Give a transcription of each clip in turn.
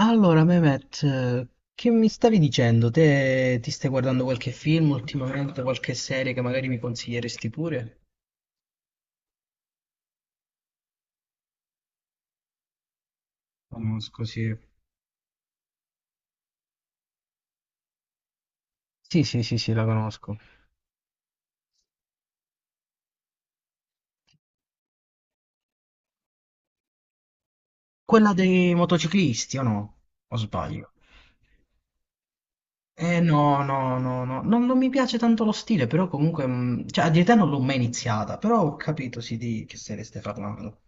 Allora, Mehmet, che mi stavi dicendo? Te ti stai guardando qualche film ultimamente, qualche serie che magari mi consiglieresti pure? Conosco, sì. Sì, sì, sì, sì, la conosco. Quella dei motociclisti, o no? O sbaglio? Eh no, no, no, no, non mi piace tanto lo stile, però comunque, cioè a dire te non l'ho mai iniziata, però ho capito sì di che serie stai parlando.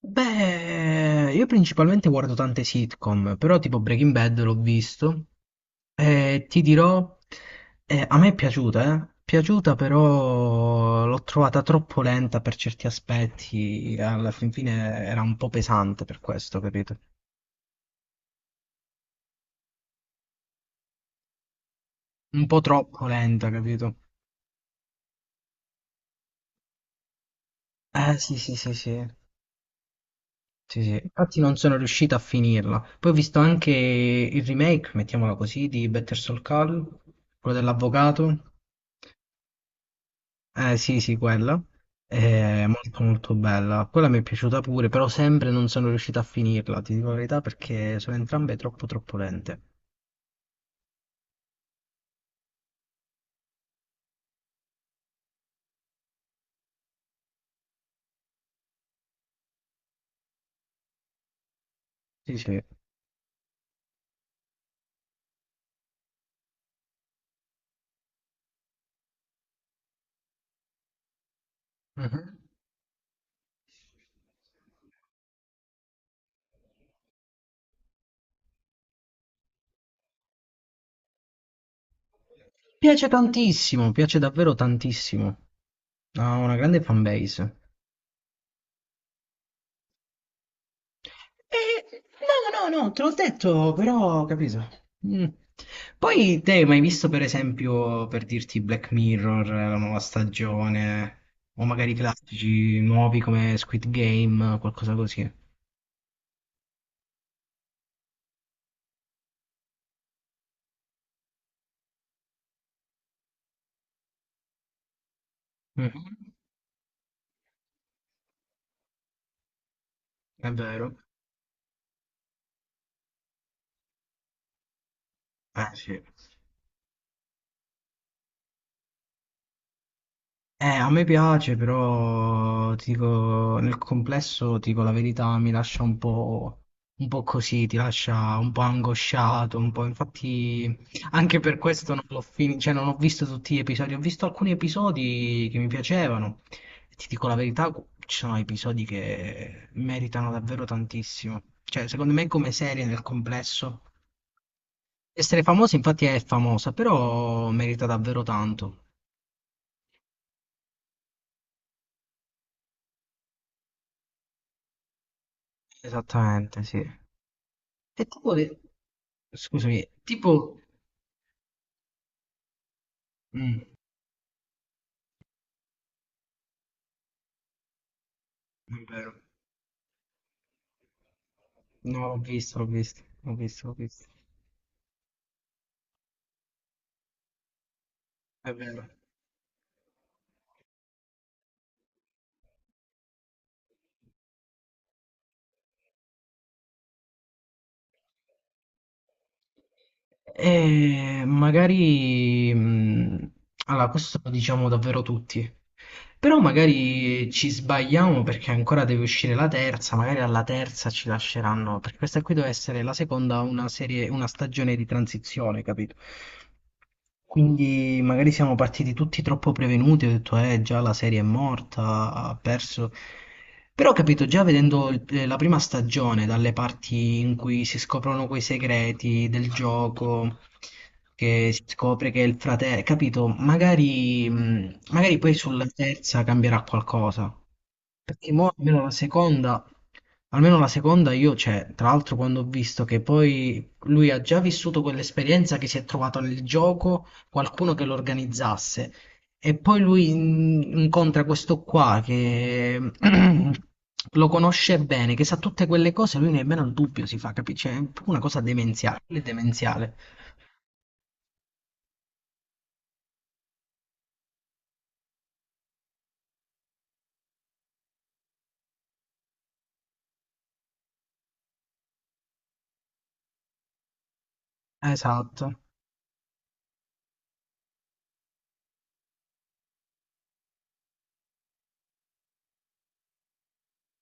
Beh, io principalmente guardo tante sitcom, però tipo Breaking Bad l'ho visto e ti dirò, a me è piaciuta, eh? Piaciuta però l'ho trovata troppo lenta per certi aspetti, alla fin fine era un po' pesante per questo, capito? Un po' troppo lenta, capito? Eh sì, sì, sì, sì. Sì, sì. Infatti non sono riuscito a finirla. Poi ho visto anche il remake, mettiamola così, di Better Soul Call, quello dell'avvocato. Eh sì, sì, quello. È molto molto bella. Quella mi è piaciuta pure, però sempre non sono riuscito a finirla, ti dico la verità, perché sono entrambe troppo troppo lente. Sì, sì. Mhm. Piace tantissimo, piace davvero tantissimo. Ha una grande fanbase. Eh, no, no, no, te l'ho detto, però, capito. Mm. Poi te hai mai visto, per esempio, per dirti Black Mirror, la nuova stagione, o magari classici nuovi come Squid Game, qualcosa così? Mh-mh. È vero. Eh sì. A me piace però ti dico nel complesso, ti dico la verità, mi lascia un po' così, ti lascia un po' angosciato, un po' infatti anche per questo non l'ho fini cioè non ho visto tutti gli episodi, ho visto alcuni episodi che mi piacevano e ti dico la verità, cu ci sono episodi che meritano davvero tantissimo. Cioè, secondo me come serie nel complesso essere famosa infatti è famosa, però merita davvero tanto. Esattamente, sì. E tipo, le- scusami. Tipo, mm, è vero. No, l'ho visto, l'ho visto, l'ho visto, l'ho visto. È vero. E magari... allora, questo lo diciamo davvero tutti. Però magari ci sbagliamo perché ancora deve uscire la terza, magari alla terza ci lasceranno, perché questa qui deve essere la seconda, una serie, una stagione di transizione, capito? Quindi magari siamo partiti tutti troppo prevenuti, ho detto eh già la serie è morta, ha perso. Però ho capito, già vedendo il- la prima stagione, dalle parti in cui si scoprono quei segreti del gioco, che si scopre che è il fratello, capito? Magari, magari poi sulla terza cambierà qualcosa. Perché mo almeno la seconda io, cioè, tra l'altro quando ho visto che poi lui ha già vissuto quell'esperienza che si è trovato nel gioco qualcuno che lo organizzasse e poi lui in- incontra questo qua che lo conosce bene, che sa tutte quelle cose, lui nemmeno il dubbio si fa, capisci? È una cosa demenziale, demenziale. Esatto,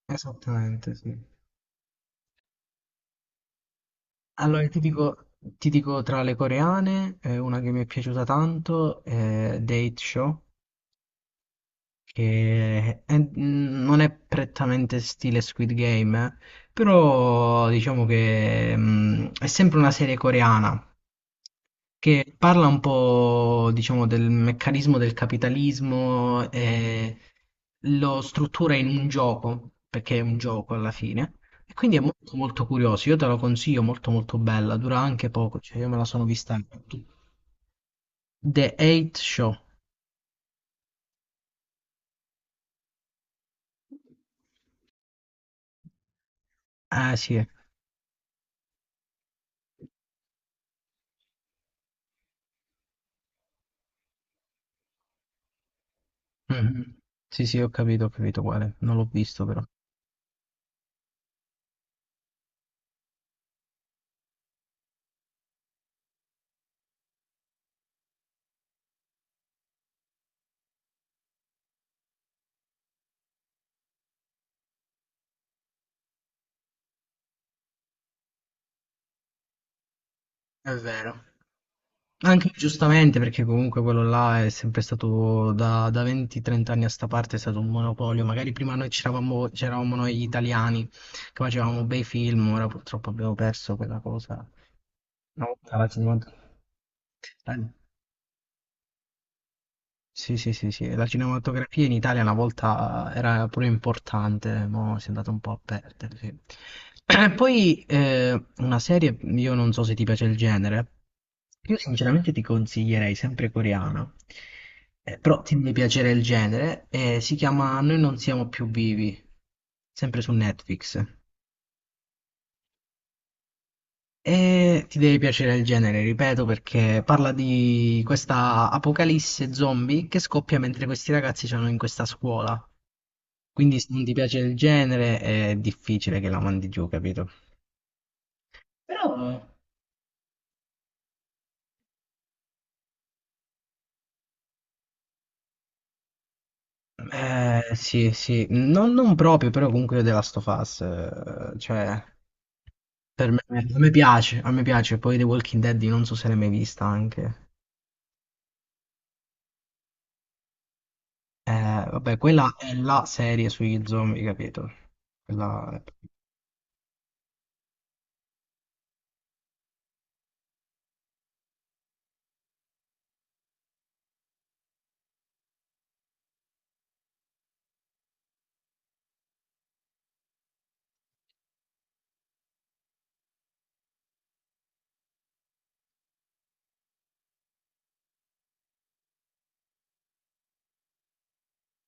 esattamente, sì. Allora, ti dico tra le coreane, una che mi è piaciuta tanto è Date Show, che è- mm, non è prettamente stile Squid Game, però diciamo che mm, è sempre una serie coreana, che parla un po', diciamo, del meccanismo del capitalismo e lo struttura in un gioco, perché è un gioco alla fine. E quindi è molto molto curioso, io te lo consiglio, molto molto bella, dura anche poco, cioè io me la sono vista. Anche tu. The Eight Show. Ah sì, mhm. Sì sì, ho capito quale, non l'ho visto però. È vero. Anche giustamente perché comunque quello là è sempre stato da, da 20-30 anni a sta parte è stato un monopolio, magari prima noi c'eravamo noi italiani che facevamo bei film, ora purtroppo abbiamo perso quella cosa. Una volta la cinema- la- sì, sì, sì, sì. La cinematografia in Italia una volta era pure importante, mo si è andata un po' a perdere, sì. Poi una serie, io non so se ti piace il genere, io sinceramente ti consiglierei sempre coreana. Però ti deve piacere il genere, si chiama Noi non siamo più vivi, sempre su Netflix. E ti deve piacere il genere, ripeto, perché parla di questa apocalisse zombie che scoppia mentre questi ragazzi sono in questa scuola. Quindi se non ti piace il genere è difficile che la mandi giù, capito? Però, eh, sì, sì, non, non proprio, però comunque io The Last of Us, cioè, per me, a me piace, poi The Walking Dead io non so se l'hai mai vista anche, vabbè, quella è la serie sugli zombie, capito? Quella è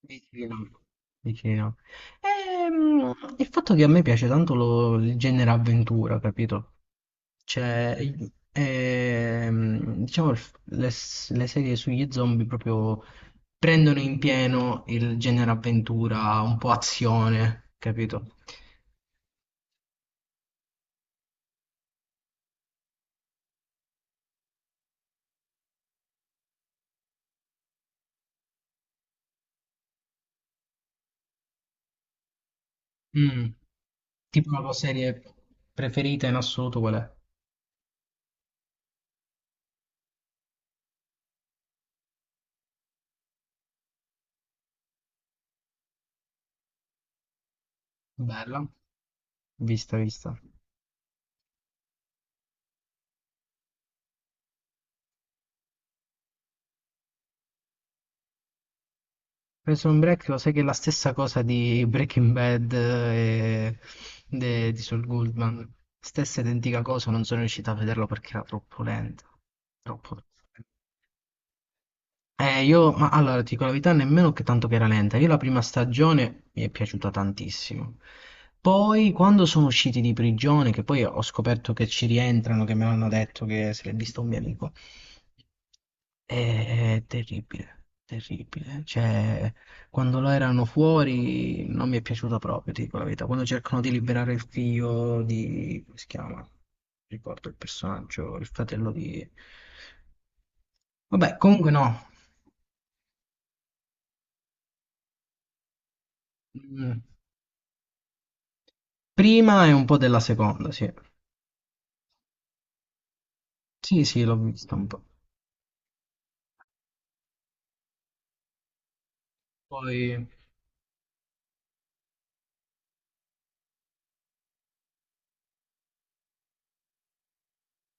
vicina, vicina. Il fatto che a me piace tanto lo- il genere avventura, capito? Cioè, i- diciamo, il f- le, s- le serie sugli zombie proprio prendono in pieno il genere avventura, un po' azione, capito? Mm, tipo la tua serie preferita in assoluto qual è? Bella, vista, vista. Prison Break lo sai che è la stessa cosa di Breaking Bad e de- di Saul Goodman. Stessa identica cosa, non sono riuscito a vederlo perché era troppo lento. Troppo. Io, ma allora, ti dico la verità, nemmeno che tanto che era lenta. Io la prima stagione mi è piaciuta tantissimo. Poi, quando sono usciti di prigione, che poi ho scoperto che ci rientrano, che me l'hanno detto che se l'è visto un mio amico, è, è terribile, terribile. Cioè, quando lo erano fuori non mi è piaciuto proprio, ti dico la verità. Quando cercano di liberare il figlio di... come si chiama? Non ricordo il personaggio, il fratello di... Vabbè, comunque no. Mm. Prima e un po' della seconda, sì. Sì, sì, l'ho vista un po'. Poi,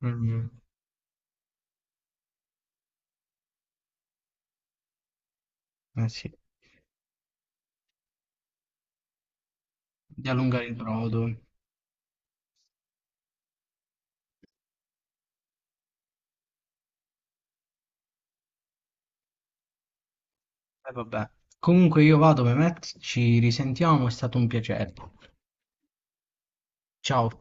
mm, eh sì, di allungare il brodo. E vabbè. Comunque io vado, Mehmet, ci risentiamo, è stato un piacere. Ciao.